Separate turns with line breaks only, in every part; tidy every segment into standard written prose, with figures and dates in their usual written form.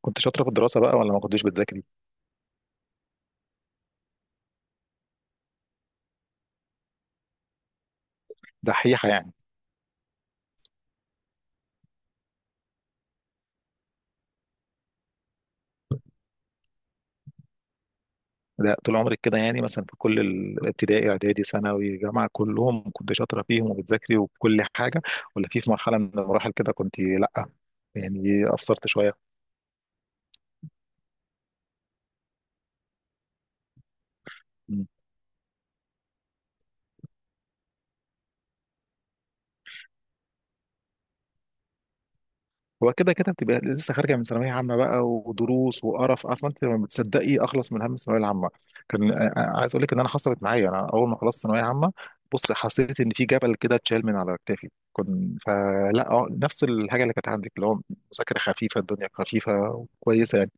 كنت شاطرة في الدراسة بقى ولا ما كنتش بتذاكري؟ دحيحة يعني. ده طول عمري كده، يعني مثلا في كل الابتدائي اعدادي ثانوي جامعة كلهم كنت شاطرة فيهم وبتذاكري وكل حاجة، ولا في مرحلة من المراحل كده كنت لأ؟ يعني قصرت شوية. هو كده كده بتبقى لسه خارجه من ثانويه عامه بقى ودروس وقرف، عارفه انت لما بتصدقي اخلص من هم الثانويه العامه. كان عايز اقول لك ان انا حصلت معايا، انا اول ما خلصت ثانويه عامه بص حسيت ان في جبل كده اتشال من على كتافي. كنت، فلا نفس الحاجه اللي كانت عندك، اللي هو مذاكره خفيفه، الدنيا خفيفه وكويسه يعني.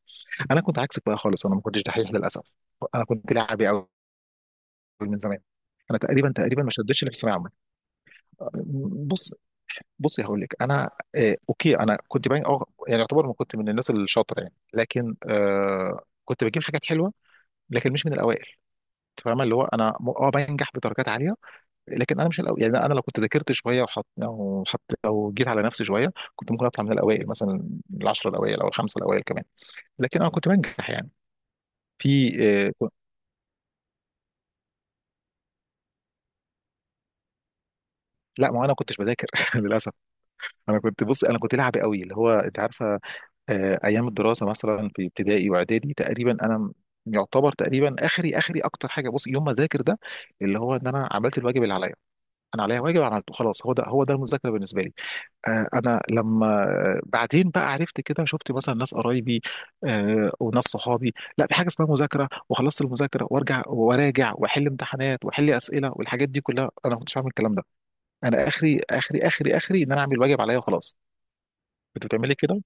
انا كنت عكسك بقى خالص، انا ما كنتش دحيح للاسف. انا كنت لعبي قوي من زمان. انا تقريبا تقريبا ما شدتش اللي في الثانويه العامه. بص، بصي هقول لك. انا آه اوكي، انا كنت باين اه يعني، يعتبر ما كنت من الناس الشاطره يعني، لكن كنت بجيب حاجات حلوه، لكن مش من الاوائل. انت فاهمه اللي هو انا بنجح بدرجات عاليه، لكن انا مش الاول يعني. انا لو كنت ذاكرت شويه وحط او حط او جيت على نفسي شويه كنت ممكن اطلع من الاوائل مثلا، العشره الاوائل او الخمسه الاوائل كمان، لكن انا كنت بنجح يعني. في آه لا، ما انا كنتش بذاكر للاسف. انا كنت، بص انا كنت لعبي قوي، اللي هو انت عارفه. ايام الدراسه مثلا في ابتدائي واعدادي تقريبا يعتبر تقريبا اخري اكتر حاجه، بص، يوم ما اذاكر ده اللي هو ان انا عملت الواجب اللي عليا. انا عليا واجب عملته خلاص، هو ده هو ده المذاكره بالنسبه لي. انا لما بعدين بقى عرفت كده، شفت مثلا ناس قرايبي وناس صحابي، لا في حاجه اسمها مذاكره، وخلصت المذاكره وارجع وراجع واحل امتحانات واحل اسئله والحاجات دي كلها، انا ما كنتش عامل الكلام ده. انا اخري ان انا اعمل الواجب عليا وخلاص. كنت بتعملي كده.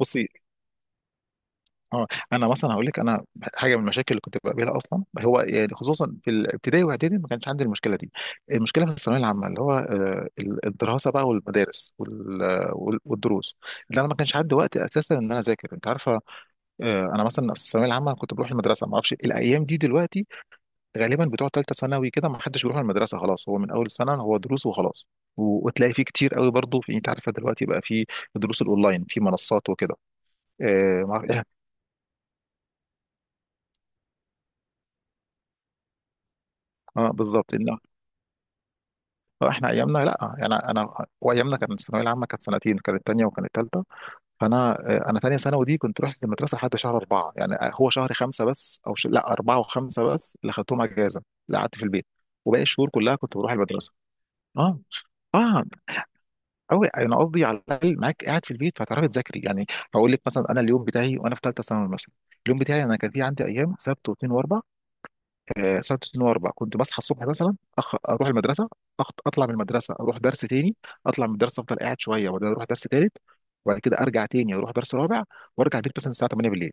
بصي اه، انا مثلا هقول لك، انا حاجه من المشاكل اللي كنت بقابلها اصلا هو، يعني خصوصا في الابتدائي واعدادي ما كانش عندي المشكله دي. المشكله في الثانويه العامه اللي هو الدراسه بقى والمدارس وال- آه، وال- والدروس اللي انا ما كانش عندي وقت اساسا ان انا اذاكر، انت عارفه. انا مثلا الثانويه العامه كنت بروح المدرسه، ما اعرفش الايام دي دلوقتي غالبا بتوع ثالثه ثانوي كده، ما حدش بيروح المدرسه خلاص، هو من اول السنه هو دروس وخلاص. وتلاقي فيه كتير قوي برضه، في انت عارفه دلوقتي بقى في دروس الاونلاين في منصات وكده. آه، ما أعرف- إيه، اه بالظبط. لا، احنا ايامنا، لا يعني وايامنا كانت الثانويه العامه كانت سنتين، كانت تانية وكانت تالتة. فانا انا تانية ثانوي دي كنت رحت المدرسه لحد شهر اربعه يعني، هو شهر خمسه بس لا اربعه وخمسه بس اللي خدتهم اجازه، اللي قعدت في البيت، وباقي الشهور كلها كنت بروح المدرسه. اه. اه قوي، انا قصدي على الاقل معاك قاعد في البيت فهتعرفي تذاكري يعني. هقول لك مثلا انا اليوم بتاعي وانا في ثالثه ثانوي مثلا، اليوم بتاعي انا كان في عندي ايام سبت واثنين واربع. سنه 2004 كنت بصحى الصبح مثلا، اروح المدرسه، اطلع من المدرسه اروح درس تاني، اطلع من الدرس افضل قاعد شويه وبعدين اروح درس تالت، وبعد كده ارجع تاني اروح درس رابع، وارجع البيت مثلا الساعه 8 بالليل.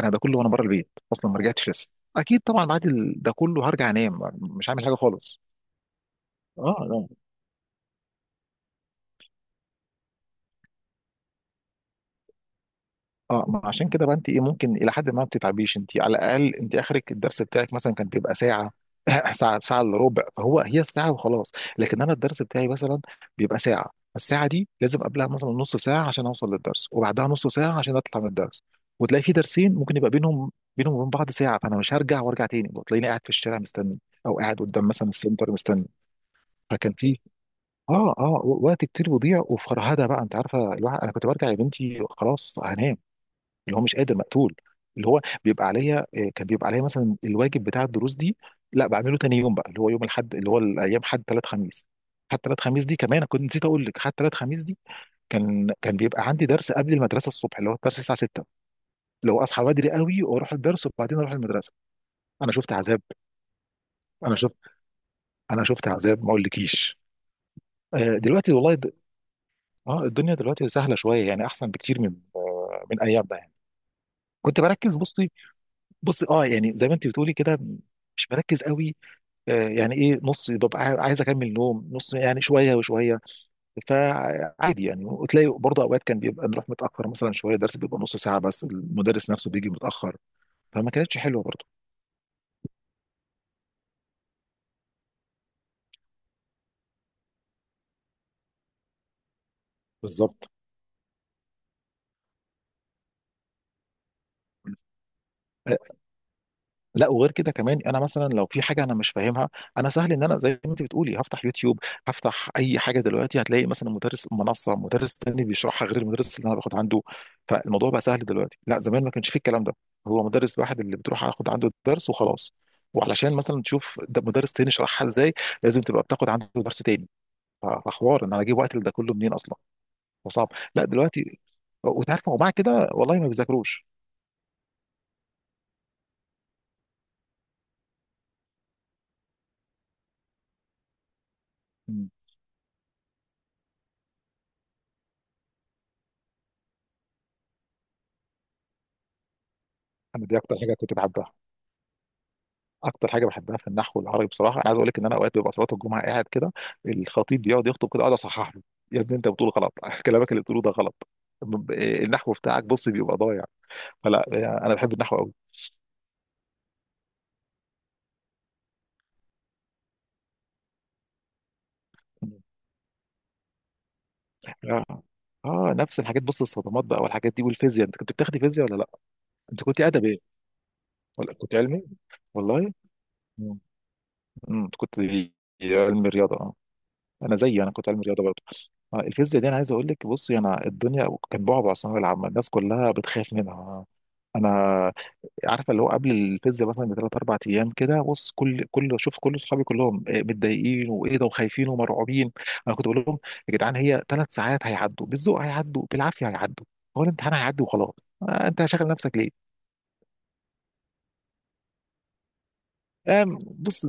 انا ده كله وانا بره البيت اصلا، ما رجعتش لسه. اكيد طبعا بعد ده كله هرجع انام مش هعمل حاجه خالص. اه لا. اه، ما عشان كده بقى انت ايه، ممكن الى حد ما بتتعبيش، انت على الاقل انت اخرك الدرس بتاعك مثلا كان بيبقى ساعه ساعه، ساعه الا ربع، فهو هي الساعه وخلاص. لكن انا الدرس بتاعي مثلا بيبقى ساعه، الساعه دي لازم قبلها مثلا نص ساعه عشان اوصل للدرس، وبعدها نص ساعه عشان اطلع من الدرس، وتلاقي في درسين ممكن يبقى بينهم وبين بعض ساعه، فانا مش هرجع وارجع تاني، وتلاقيني قاعد في الشارع مستني، او قاعد قدام مثلا السنتر مستني. فكان في اه وقت كتير بيضيع وفرهده بقى، انت عارفه، الواحد انا كنت برجع يا بنتي خلاص هنام، اللي هو مش قادر مقتول، اللي هو بيبقى عليا كان بيبقى عليا مثلا الواجب بتاع الدروس دي، لا بعمله تاني يوم بقى، اللي هو يوم الاحد، اللي هو الايام حد ثلاث خميس. حتى ثلاث خميس دي كمان أنا كنت نسيت اقول لك، حتى ثلاث خميس دي كان بيبقى عندي درس قبل المدرسه الصبح، اللي هو الدرس الساعه 6، اللي هو اصحى بدري قوي واروح الدرس وبعدين اروح المدرسه. انا شفت عذاب. انا شفت انا شفت عذاب ما اقولكيش. دلوقتي والله اه الدنيا دلوقتي سهله شويه يعني، احسن بكتير من من ايام ده يعني. كنت بركز، بصي، بصي اه، يعني زي ما انت بتقولي كده، مش مركز قوي، يعني ايه، نص ببقى عايز اكمل نوم، نص يعني، شويه وشويه، فعادي يعني. وتلاقي برضه اوقات كان بيبقى نروح متاخر مثلا شويه، درس بيبقى نص ساعه بس المدرس نفسه بيجي متاخر، فما كانتش حلوه برضه. بالظبط. لا وغير كده كمان، انا مثلا لو في حاجه انا مش فاهمها، انا سهل ان انا زي ما انت بتقولي هفتح يوتيوب، هفتح اي حاجه دلوقتي هتلاقي مثلا مدرس، منصه، مدرس تاني بيشرحها غير المدرس اللي انا باخد عنده، فالموضوع بقى سهل دلوقتي. لا زمان ما كانش فيه الكلام ده، هو مدرس واحد اللي بتروح اخد عنده الدرس وخلاص. وعلشان مثلا تشوف ده مدرس تاني شرحها ازاي لازم تبقى بتاخد عنده درس تاني، فحوار ان انا اجيب وقت لده كله منين اصلا، فصعب. لا دلوقتي، وتعرف، ومع كده والله ما بيذاكروش. مم. انا دي اكتر حاجه كنت بحبها، اكتر حاجه بحبها في النحو العربي بصراحه. انا عايز اقول لك ان انا اوقات ببقى صلاه الجمعه قاعد كده، الخطيب بيقعد يخطب كده اقعد اصحح له، يا ابني انت بتقول غلط كلامك اللي بتقوله ده غلط، النحو بتاعك بص بيبقى ضايع، فلا يعني انا بحب النحو قوي. اه. نفس الحاجات، بص الصدمات بقى والحاجات دي والفيزياء، انت كنت بتاخدي فيزياء ولا لا؟ انت كنت ادب ايه ولا كنت علمي؟ والله. مم. مم، كنت علمي رياضه. انا زيي، انا كنت علم رياضه برضه. الفيزياء دي انا عايز اقول لك، بصي، انا الدنيا كان بعبع الثانويه العامه، الناس كلها بتخاف منها. انا عارفه اللي هو قبل الفيزياء مثلا بثلاث اربع ايام كده، بص، كل اصحابي كلهم متضايقين، وايه ده، وخايفين ومرعوبين. انا كنت بقول لهم يا جدعان، هي ثلاث ساعات هيعدوا، بالذوق هيعدوا بالعافيه هيعدوا، هو الامتحان هيعدي وخلاص، انت شاغل نفسك ليه. بص،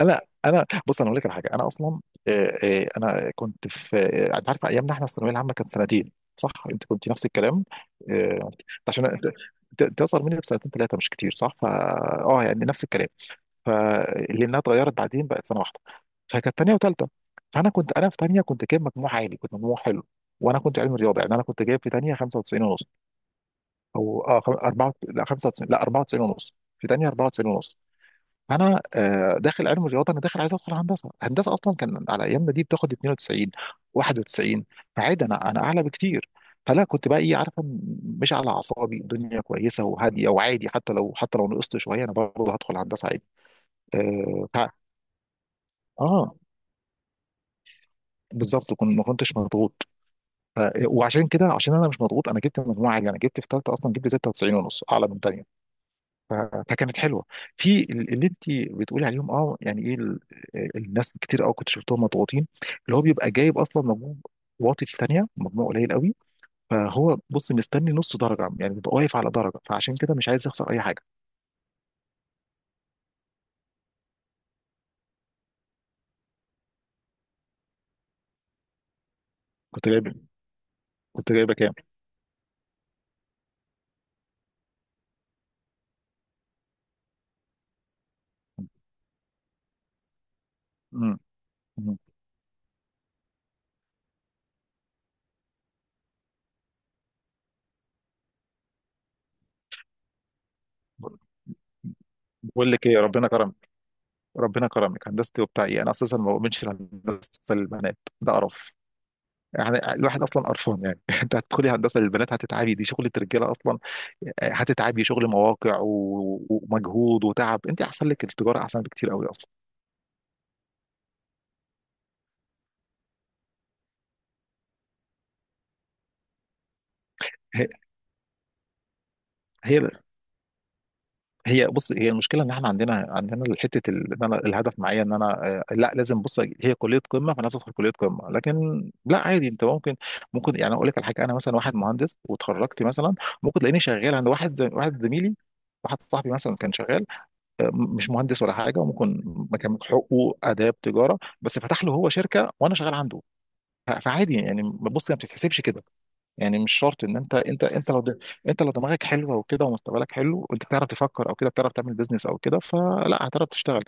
انا انا بص انا اقول لك على حاجه. انا اصلا انا كنت في انت عارف ايامنا احنا الثانويه العامه كانت سنتين صح، انت كنت نفس الكلام، آه، عشان انت عشان أنت اصغر مني بسنتين ثلاثه مش كتير صح، فا اه يعني نفس الكلام. فلانها اتغيرت بعدين بقت سنه واحده، فكانت ثانيه وثالثه. فانا كنت، انا في ثانيه كنت جايب مجموع عالي، كنت مجموع حلو، وانا كنت علمي رياضه، يعني انا كنت جايب في ثانيه 95 ونص، 94 لا 95 لا 94 ونص، في ثانيه 94 ونص. فانا داخل علم رياضه، انا داخل عايز ادخل هندسه، هندسه اصلا كان على ايامنا دي بتاخد 92 91، فعادي، انا اعلى بكتير. فلا كنت بقى ايه، عارفه، مش على اعصابي، الدنيا كويسه وهاديه وعادي. حتى لو نقصت شويه انا برضه هدخل هندسه عادي. اه، آه، بالظبط كنت، ما كنتش مضغوط. ف- وعشان كده، عشان انا مش مضغوط، انا جبت مجموعه عاليه، انا جبت في ثالثه اصلا جبت 96 ونص، اعلى من ثانيه، ف- فكانت حلوه. في اللي انت بتقولي عليهم، اه يعني ايه، الناس كتير قوي كنت شفتهم مضغوطين، اللي هو بيبقى جايب اصلا مجموع واطي في ثانيه، مجموع قليل قوي، فهو بص مستني نص درجه يعني، بيبقى واقف على درجه فعشان كده مش عايز يخسر اي حاجه. كنت جايب، كنت جايبه كام؟ امم. أمم. بقول لك ايه، ربنا كرمك. ربنا كرمك، هندستي وبتاع ايه، انا اساسا ما بؤمنش في هندسه البنات، ده قرف يعني، الواحد اصلا قرفان يعني انت هتدخلي هندسه للبنات هتتعبي، دي شغله رجاله اصلا، هتتعبي شغل مواقع ومجهود وتعب، انت احسن لك التجاره احسن بكتير قوي اصلا. هي، هي، هي بص، هي المشكله ان احنا عندنا، ان انا الهدف معايا ان انا لا لازم، بص، هي كليه قمه فانا لازم ادخل كليه قمه، لكن لا عادي. انت ممكن، ممكن يعني اقول لك على حاجه، انا مثلا واحد مهندس وتخرجت مثلا، ممكن تلاقيني شغال عند واحد زي واحد زميلي، واحد صاحبي مثلا كان شغال مش مهندس ولا حاجه، وممكن مكان حقوق اداب تجاره بس فتح له هو شركه وانا شغال عنده، فعادي يعني، بص، ما بتتحسبش كده. يعني مش شرط ان انت انت انت لو انت لو دماغك حلوه وكده ومستقبلك حلو، وانت بتعرف تفكر او كده، بتعرف تعمل بيزنس او كده، فلا هتعرف تشتغل.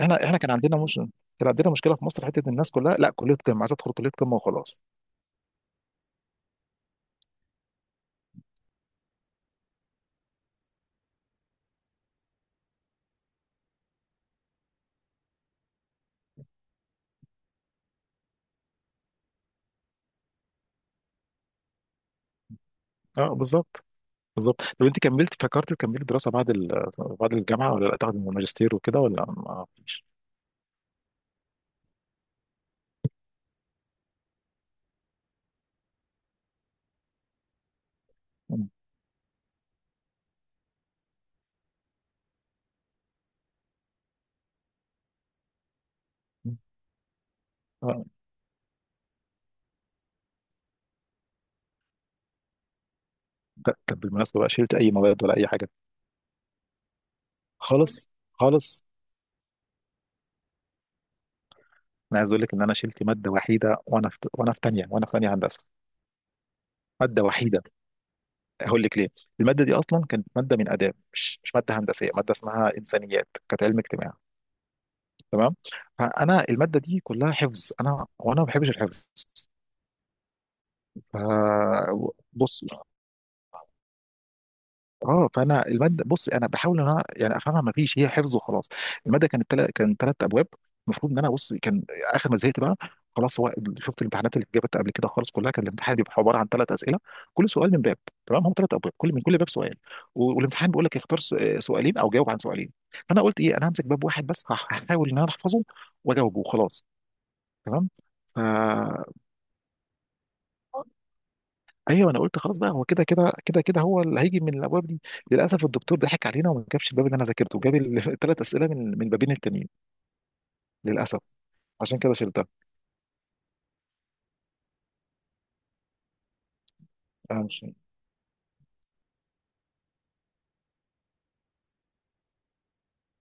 احنا احنا كان عندنا مش كان عندنا مشكله في مصر، حته إن الناس كلها لا، كليه قمه عايز ادخل كليه قمه وخلاص. اه بالظبط. بالظبط، طب انت كملت، فكرت تكملي دراسه بعد بعد الجامعه ولا لا، تاخد الماجستير وكده، ولا ما فيش؟ لا، طب بالمناسبة بقى، شلت أي مواد ولا أي حاجة؟ خالص. خالص. أنا عايز أقول لك إن أنا شلت مادة وحيدة، وأنا في تانية، وأنا في تانية هندسة. مادة وحيدة. هقول لك ليه. المادة دي أصلا كانت مادة من آداب، مش مادة هندسية، مادة اسمها إنسانيات، كانت علم اجتماع. تمام. فأنا المادة دي كلها حفظ، أنا وأنا ما بحبش الحفظ. ف بص، اه، فانا الماده، بص انا بحاول ان انا يعني افهمها، ما فيش، هي حفظ وخلاص. الماده كانت كان ثلاث ابواب. المفروض ان انا، بص، كان اخر ما زهقت بقى خلاص، هو، شفت الامتحانات اللي اتجابت قبل كده خالص، كلها كان الامتحان بيبقى عباره عن ثلاث اسئله، كل سؤال من باب، تمام، هم ثلاث ابواب، كل من كل باب سؤال، والامتحان بيقول لك اختار سؤالين او جاوب عن سؤالين، فانا قلت ايه، انا همسك باب واحد بس هحاول ان انا احفظه واجاوبه وخلاص. تمام. ايوه، انا قلت خلاص بقى، هو كده هو اللي هيجي من الابواب دي. للاسف الدكتور ضحك علينا وما جابش الباب اللي انا ذاكرته، جاب الثلاث اسئله من بابين التانيين. للاسف. عشان كده شلتها. أنا مش-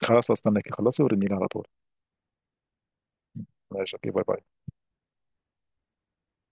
خلاص استناك، خلصي ورني لي على طول. ماشي اوكي. باي باي.